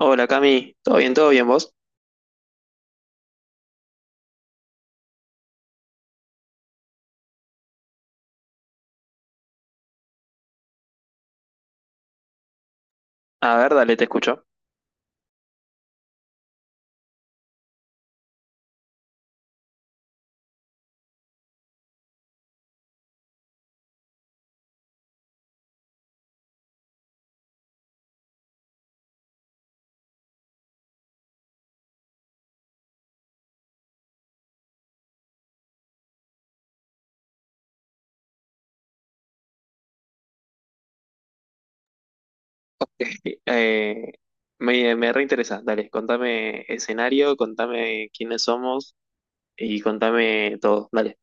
Hola Cami, ¿todo bien? ¿Todo bien vos? A ver, dale, te escucho. Eh, me reinteresa, dale, contame escenario, contame quiénes somos y contame todo, dale.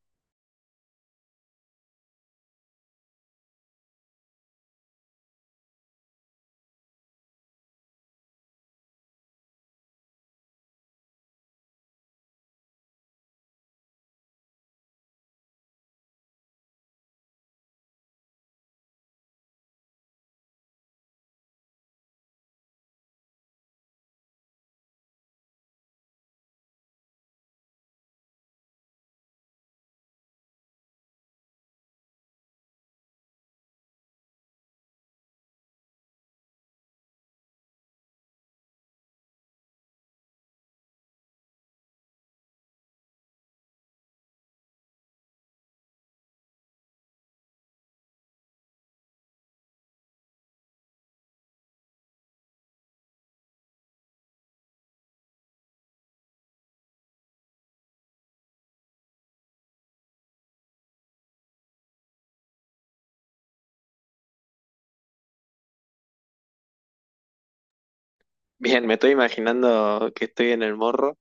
Bien, me estoy imaginando que estoy en el morro.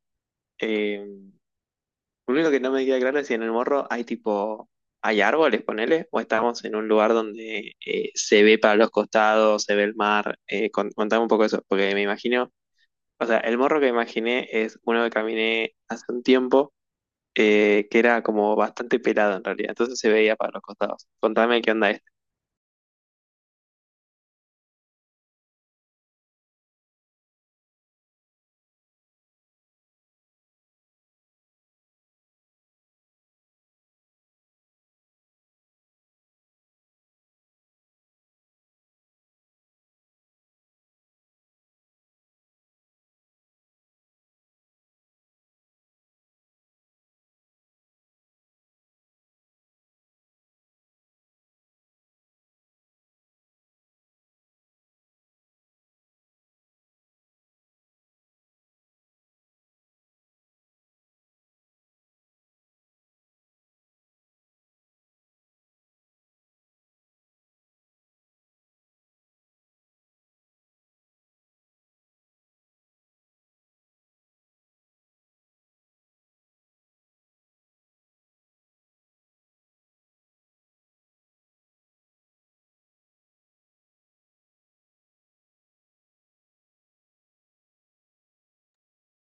eh, lo único que no me queda claro es si en el morro hay tipo, hay árboles, ponele, o estamos en un lugar donde se ve para los costados, se ve el mar. Contame un poco eso, porque me imagino, o sea, el morro que imaginé es uno que caminé hace un tiempo que era como bastante pelado en realidad, entonces se veía para los costados. Contame qué onda este.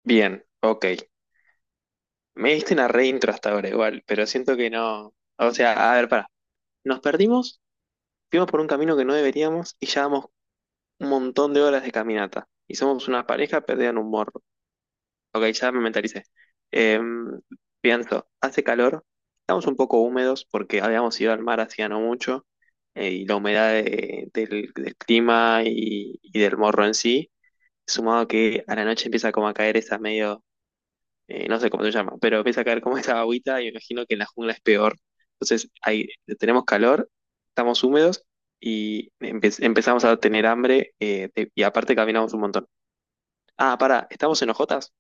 Bien, ok. Me diste una reintro hasta ahora igual, pero siento que no. O sea, a ver, pará. Nos perdimos, fuimos por un camino que no deberíamos y llevamos un montón de horas de caminata. Y somos una pareja perdida en un morro. Ok, ya me mentalicé. Em, Pienso, hace calor, estamos un poco húmedos porque habíamos ido al mar hacía no mucho y la humedad del clima y del morro en sí. Sumado a que a la noche empieza como a caer esa medio, no sé cómo se llama, pero empieza a caer como esa agüita y me imagino que en la jungla es peor. Entonces ahí tenemos calor, estamos húmedos y empezamos a tener hambre y aparte caminamos un montón. Ah, pará, ¿estamos en hojotas?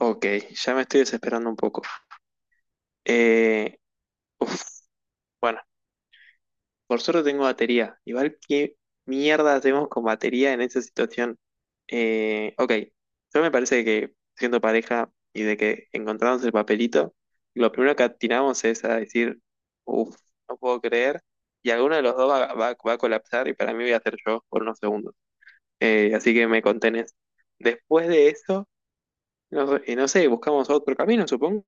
Ok, ya me estoy desesperando un poco. Eh, uf, bueno. Por suerte tengo batería. Igual qué mierda hacemos con batería en esa situación. Ok, yo me parece que siendo pareja y de que encontramos el papelito, lo primero que atinamos es a decir, uff, no puedo creer, y alguno de los dos va a colapsar y para mí voy a ser yo por unos segundos. Así que me contenés. Después de eso, no, no sé, buscamos otro camino, supongo.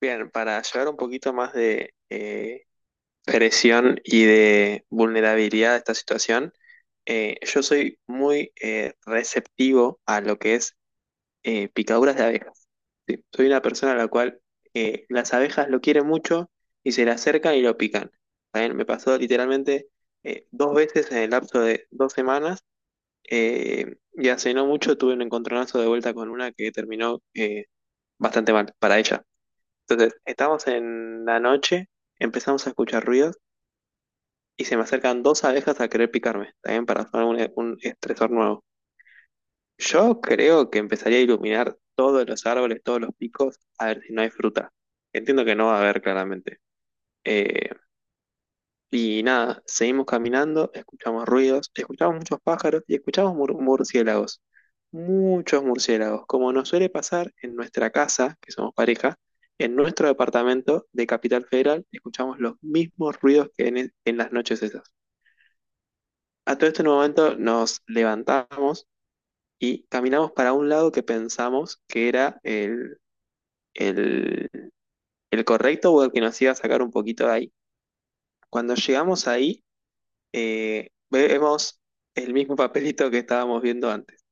Bien, para llevar un poquito más de presión y de vulnerabilidad de esta situación, yo soy muy receptivo a lo que es picaduras de abejas. Sí, soy una persona a la cual las abejas lo quieren mucho y se le acercan y lo pican. También me pasó literalmente dos veces en el lapso de dos semanas y hace no mucho tuve un encontronazo de vuelta con una que terminó bastante mal para ella. Entonces, estamos en la noche, empezamos a escuchar ruidos y se me acercan dos abejas a querer picarme, también para hacer un estresor nuevo. Yo creo que empezaría a iluminar todos los árboles, todos los picos, a ver si no hay fruta. Entiendo que no va a haber claramente. Eh, y nada, seguimos caminando, escuchamos ruidos, escuchamos muchos pájaros y escuchamos murciélagos. Muchos murciélagos, como nos suele pasar en nuestra casa, que somos pareja, en nuestro departamento de Capital Federal, escuchamos los mismos ruidos que en las noches esas. A todo este momento nos levantamos y caminamos para un lado que pensamos que era el- el correcto o el que nos iba a sacar un poquito de ahí. Cuando llegamos ahí, vemos el mismo papelito que estábamos viendo antes.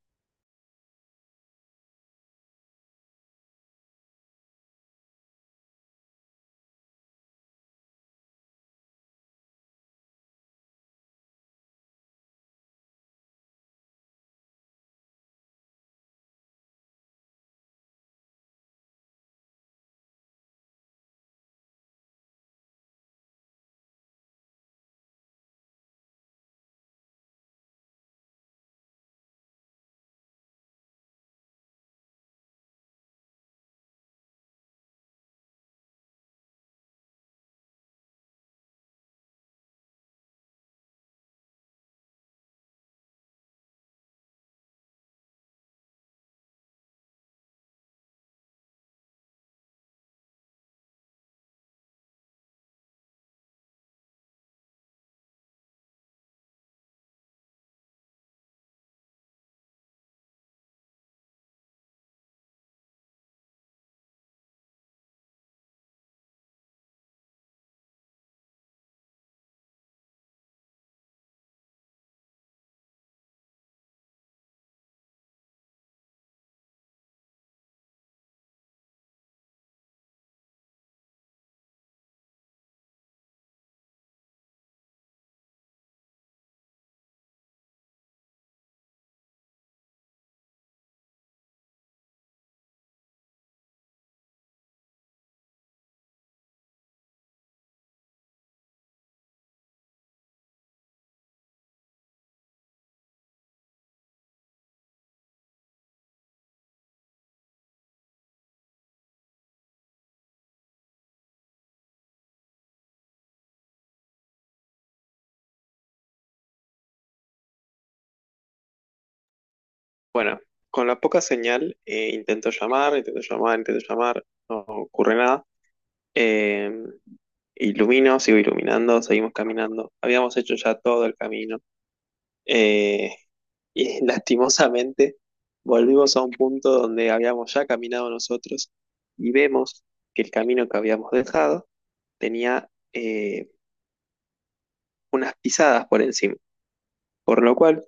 Bueno, con la poca señal, intento llamar, intento llamar, intento llamar, no ocurre nada. Eh, Ilumino, sigo iluminando, seguimos caminando. Habíamos hecho ya todo el camino. Eh, Y lastimosamente volvimos a un punto donde habíamos ya caminado nosotros y vemos que el camino que habíamos dejado tenía unas pisadas por encima, por lo cual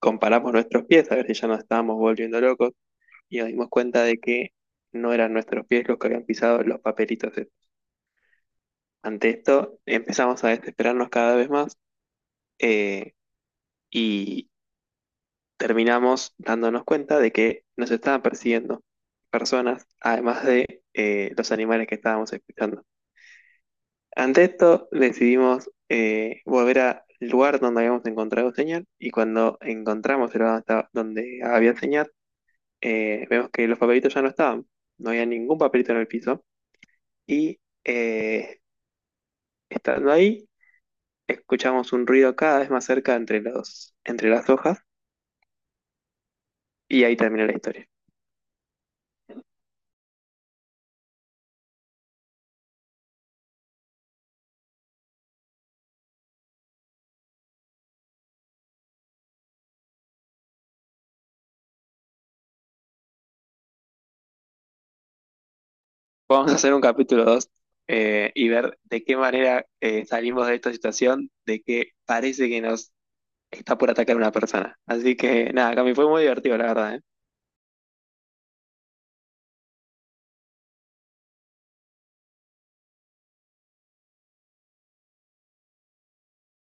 comparamos nuestros pies a ver si ya nos estábamos volviendo locos y nos dimos cuenta de que no eran nuestros pies los que habían pisado los papelitos estos. Ante esto empezamos a desesperarnos cada vez más, eh, terminamos dándonos cuenta de que nos estaban persiguiendo personas, además de los animales que estábamos escuchando. Ante esto, decidimos volver al lugar donde habíamos encontrado señal y cuando encontramos el lugar donde donde había señal, vemos que los papelitos ya no estaban, no había ningún papelito en el piso y estando ahí, escuchamos un ruido cada vez más cerca entre entre las hojas y ahí termina la historia. Vamos a hacer un capítulo 2 y ver de qué manera salimos de esta situación, de que parece que nos está por atacar una persona. Así que nada, Cami, fue muy divertido, la verdad, ¿eh?